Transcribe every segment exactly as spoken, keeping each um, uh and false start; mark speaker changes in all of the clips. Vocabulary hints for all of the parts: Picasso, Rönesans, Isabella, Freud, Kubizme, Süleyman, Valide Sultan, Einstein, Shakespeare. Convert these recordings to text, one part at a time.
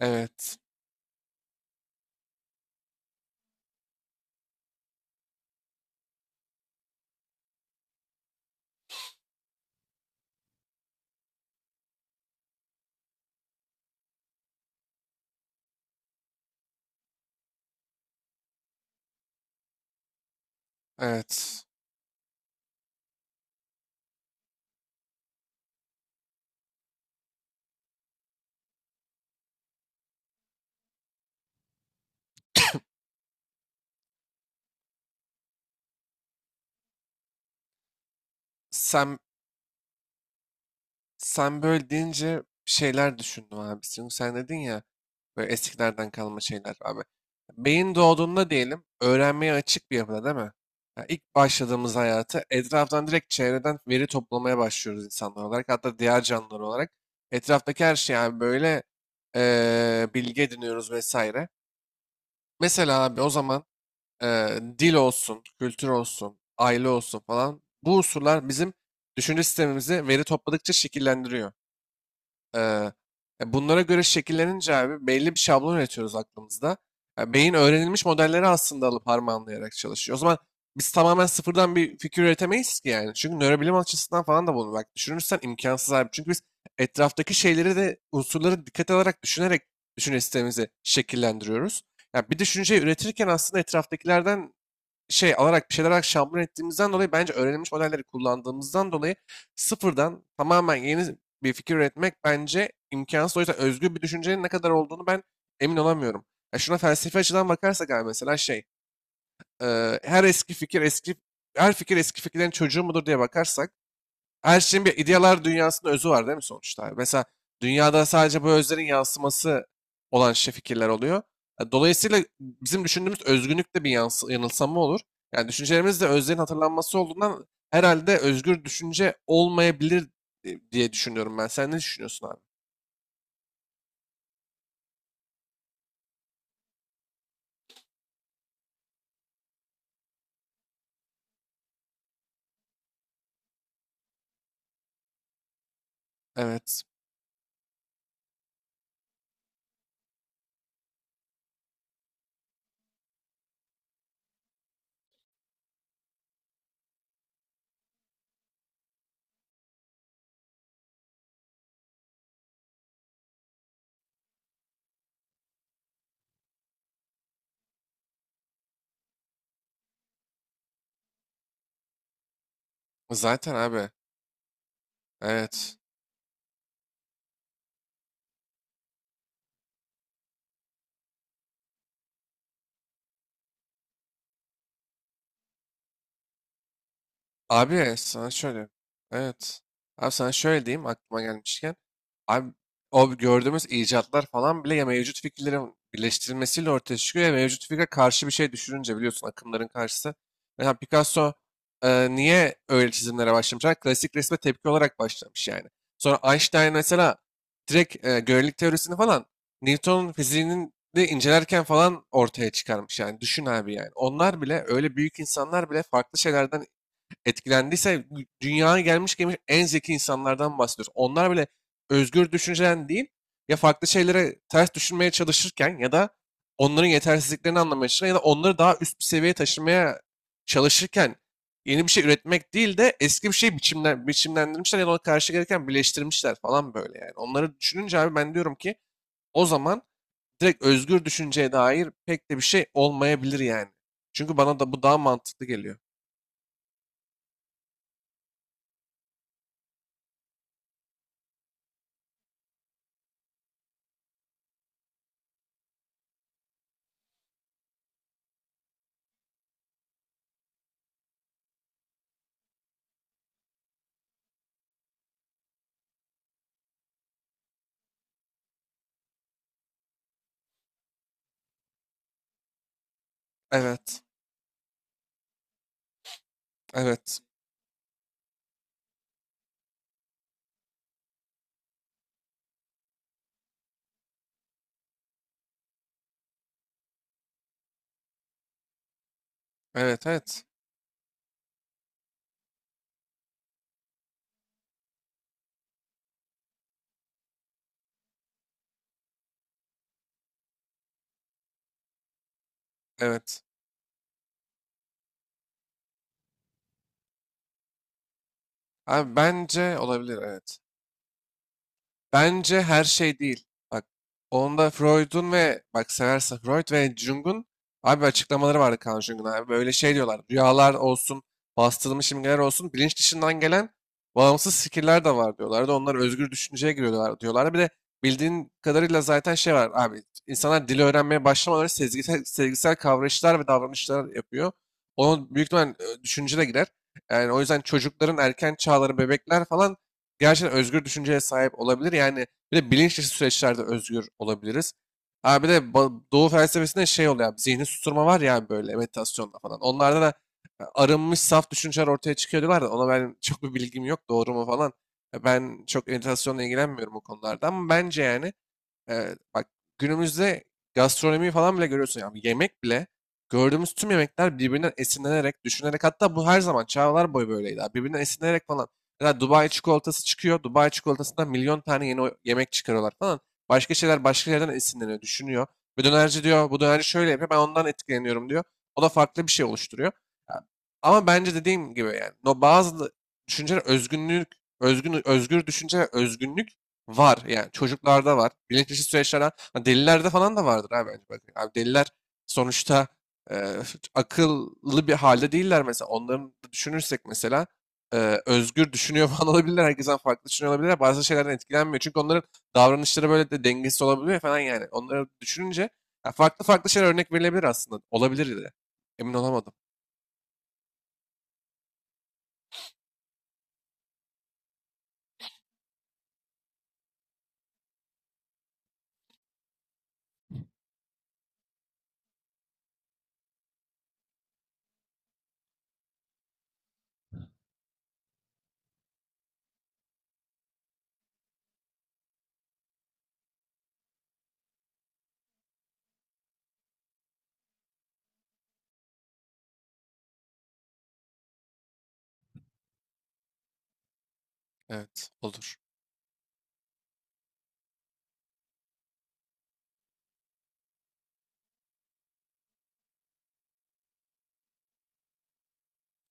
Speaker 1: Evet, evet. Sen sen böyle deyince bir şeyler düşündüm abi. Çünkü sen dedin ya böyle eskilerden kalma şeyler abi. Beyin doğduğunda diyelim öğrenmeye açık bir yapıda değil mi? Ya ilk başladığımız hayatı etraftan direkt çevreden veri toplamaya başlıyoruz insanlar olarak. Hatta diğer canlılar olarak. Etraftaki her şey abi böyle eee, bilgi ediniyoruz vesaire. Mesela abi o zaman e, dil olsun, kültür olsun, aile olsun falan bu unsurlar bizim düşünce sistemimizi veri topladıkça şekillendiriyor. E, e, Bunlara göre şekillenince abi belli bir şablon üretiyoruz aklımızda. Ya beyin öğrenilmiş modelleri aslında alıp harmanlayarak çalışıyor. O zaman biz tamamen sıfırdan bir fikir üretemeyiz ki yani. Çünkü nörobilim açısından falan da bunu bak düşünürsen imkansız abi. Çünkü biz etraftaki şeyleri de unsurları dikkat alarak düşünerek düşünce sistemimizi şekillendiriyoruz. Ya bir düşünceyi üretirken aslında etraftakilerden şey alarak bir şeyler alarak şampiyon ettiğimizden dolayı bence öğrenilmiş modelleri kullandığımızdan dolayı sıfırdan tamamen yeni bir fikir üretmek bence imkansız. O yüzden özgür bir düşüncenin ne kadar olduğunu ben emin olamıyorum. Ya şuna felsefi açıdan bakarsak abi mesela şey e, her eski fikir eski her fikir eski fikirlerin çocuğu mudur diye bakarsak her şeyin bir idealar dünyasında özü var değil mi sonuçta, abi? Mesela dünyada sadece bu özlerin yansıması olan şey fikirler oluyor. E, Dolayısıyla bizim düşündüğümüz özgünlük de bir yansı- yanılsama olur. Yani düşüncelerimiz de özlerin hatırlanması olduğundan herhalde özgür düşünce olmayabilir e, diye düşünüyorum ben. Sen ne düşünüyorsun abi? Evet. Zaten abi. Evet. Abi sana şöyle. Evet. Abi sana şöyle diyeyim aklıma gelmişken. Abi o gördüğümüz icatlar falan bile ya mevcut fikirlerin birleştirilmesiyle ortaya çıkıyor ya mevcut fikre karşı bir şey düşününce biliyorsun akımların karşısı. Mesela Picasso e, niye öyle çizimlere başlamış? Ha, klasik resme tepki olarak başlamış yani. Sonra Einstein mesela direkt e, görelilik teorisini falan Newton'un fiziğinin de incelerken falan ortaya çıkarmış yani. Düşün abi yani. Onlar bile öyle büyük insanlar bile farklı şeylerden etkilendiyse dünyaya gelmiş gelmiş en zeki insanlardan bahsediyoruz. Onlar bile özgür düşünceden değil ya farklı şeylere ters düşünmeye çalışırken ya da onların yetersizliklerini anlamaya çalışırken ya da onları daha üst bir seviyeye taşımaya çalışırken yeni bir şey üretmek değil de eski bir şey biçimlen, biçimlendirmişler ya da ona karşı gereken birleştirmişler falan böyle yani. Onları düşününce abi ben diyorum ki o zaman direkt özgür düşünceye dair pek de bir şey olmayabilir yani. Çünkü bana da bu daha mantıklı geliyor. Evet, evet. Evet evet. Evet. Abi bence olabilir, evet. Bence her şey değil. Bak, onda Freud'un ve bak seversen Freud ve Jung'un abi açıklamaları vardı, Carl Jung'un abi. Böyle şey diyorlar. Rüyalar olsun, bastırılmış imgeler olsun, bilinç dışından gelen bağımsız fikirler de var diyorlardı. Onlar özgür düşünceye giriyorlar diyorlar. Bir de bildiğin kadarıyla zaten şey var abi. İnsanlar dili öğrenmeye başlamaları sezgisel, sezgisel kavrayışlar ve davranışlar yapıyor. Onun büyük ihtimal e, düşünce de girer. Yani o yüzden çocukların erken çağları, bebekler falan gerçekten özgür düşünceye sahip olabilir. Yani bir de bilinç dışı süreçlerde özgür olabiliriz. Abi de ba- Doğu felsefesinde şey oluyor abi, zihni susturma var ya abi böyle meditasyonda falan. Onlarda da e, arınmış saf düşünceler ortaya çıkıyor diyorlar da ona ben çok bir bilgim yok doğru mu falan. E, Ben çok meditasyonla ilgilenmiyorum bu konularda ama bence yani Eee, bak, günümüzde gastronomi falan bile görüyorsun. Yani yemek bile gördüğümüz tüm yemekler birbirinden esinlenerek, düşünerek, hatta bu her zaman çağlar boyu böyleydi abi. Birbirinden esinlenerek falan. Mesela Dubai çikolatası çıkıyor. Dubai çikolatasından milyon tane yeni o- yemek çıkarıyorlar falan. Başka şeyler başka yerden esinleniyor, düşünüyor. Ve dönerci diyor bu dönerci şöyle yapıyor ben ondan etkileniyorum diyor. O da farklı bir şey oluşturuyor. Ya, ama bence dediğim gibi yani no, bazı düşünceler özgünlük, özgün, özgür düşünce ve özgünlük var yani, çocuklarda var. Bilinç dışı süreçlerden ha, delilerde falan da vardır abi bence. Abi deliler sonuçta e, akıllı bir halde değiller mesela. Onların da düşünürsek mesela e, özgür düşünüyor falan olabilirler. Herkesten farklı düşünüyor olabilirler. Bazı şeylerden etkilenmiyor. Çünkü onların davranışları böyle de dengesiz olabiliyor falan yani. Onları düşününce ya farklı farklı şeyler örnek verilebilir aslında. Olabilir de. Emin olamadım. Evet, olur.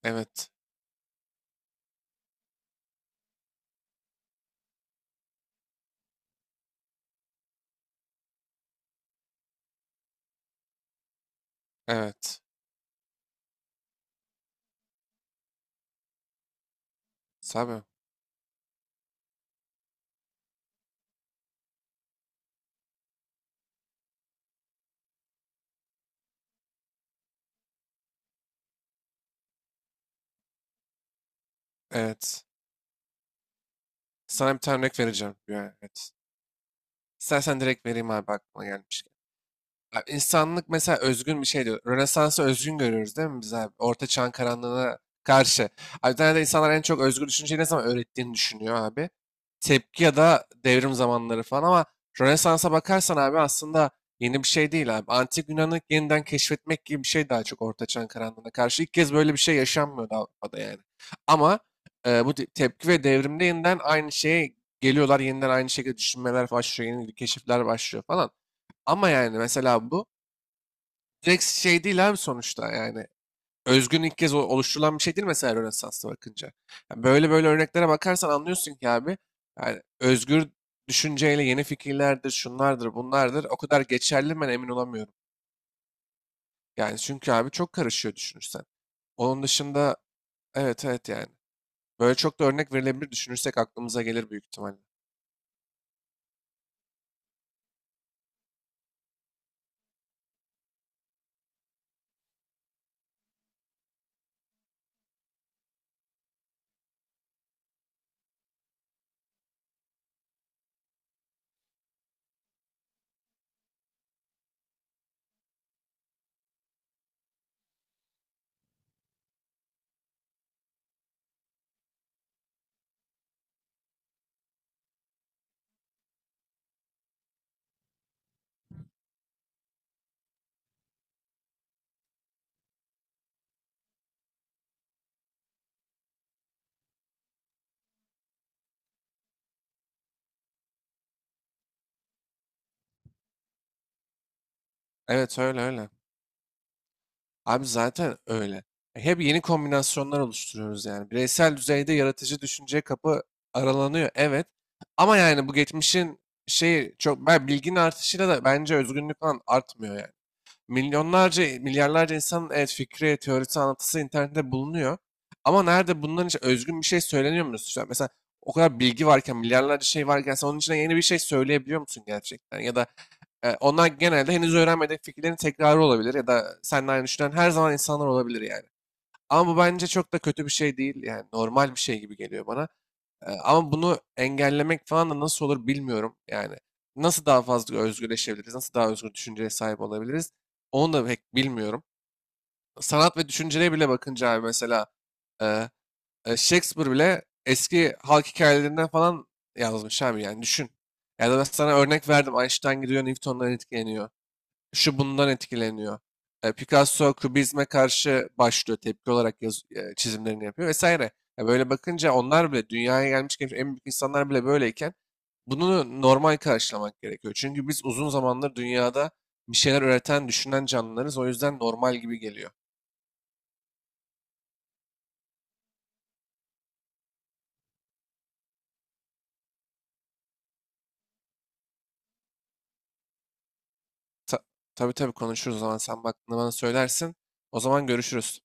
Speaker 1: Evet, evet. Sabi, evet. Sana bir tane örnek vereceğim. Yani, evet. İstersen direkt vereyim abi aklıma gelmişken. Abi insanlık mesela özgün bir şey diyor. Rönesans'ı özgün görüyoruz değil mi biz abi? Orta çağın karanlığına karşı. Abi bir tane de insanlar en çok özgür düşünceyi ne zaman öğrettiğini düşünüyor abi. Tepki ya da devrim zamanları falan ama Rönesans'a bakarsan abi aslında yeni bir şey değil abi. Antik Yunan'ı yeniden keşfetmek gibi bir şey, daha çok Orta Çağın karanlığına karşı. İlk kez böyle bir şey yaşanmıyordu Avrupa'da yani. Ama e, bu te- tepki ve devrimde yeniden aynı şeye geliyorlar. Yeniden aynı şekilde düşünmeler başlıyor. Yeni keşifler başlıyor falan. Ama yani mesela bu direkt şey değil abi sonuçta yani. Özgün ilk kez o- oluşturulan bir şey değil mesela Rönesans'ta bakınca. Yani böyle böyle örneklere bakarsan anlıyorsun ki abi yani özgür düşünceyle yeni fikirlerdir, şunlardır, bunlardır o kadar geçerli mi ben emin olamıyorum. Yani çünkü abi çok karışıyor düşünürsen. Onun dışında evet evet yani. Böyle çok da örnek verilebilir düşünürsek aklımıza gelir büyük ihtimalle. Evet öyle öyle. Abi zaten öyle. E, Hep yeni kombinasyonlar oluşturuyoruz yani. Bireysel düzeyde yaratıcı düşünce kapı aralanıyor. Evet. Ama yani bu geçmişin şeyi çok, ben bilginin artışıyla da bence özgünlük falan artmıyor yani. Milyonlarca, milyarlarca insanın evet, fikri, teorisi, anlatısı internette bulunuyor. Ama nerede bunların için özgün bir şey söyleniyor musun? Mesela mesela o kadar bilgi varken, milyarlarca şey varken sen onun içine yeni bir şey söyleyebiliyor musun gerçekten? Ya da e, onlar genelde henüz öğrenmediğin fikirlerin tekrarı olabilir ya da seninle aynı düşünen her zaman insanlar olabilir yani. Ama bu bence çok da kötü bir şey değil yani, normal bir şey gibi geliyor bana. Ee, Ama bunu engellemek falan da nasıl olur bilmiyorum. Yani nasıl daha fazla özgürleşebiliriz, nasıl daha özgür düşünceye sahip olabiliriz onu da pek bilmiyorum. Sanat ve düşünceye bile bakınca abi mesela e, e, Shakespeare bile eski halk hikayelerinden falan yazmış abi yani düşün. Ya da ben sana örnek verdim, Einstein gidiyor Newton'dan etkileniyor, şu bundan etkileniyor. E, Picasso Kubizme karşı başlıyor, tepki olarak yaz, e, çizimlerini yapıyor vesaire. Ya böyle bakınca onlar bile dünyaya gelmiş geçmiş en büyük insanlar bile böyleyken bunu normal karşılamak gerekiyor. Çünkü biz uzun zamandır dünyada bir şeyler üreten, düşünen canlılarız. O yüzden normal gibi geliyor. Ta tabii tabii konuşuruz o zaman sen baktığında bana söylersin. O zaman görüşürüz.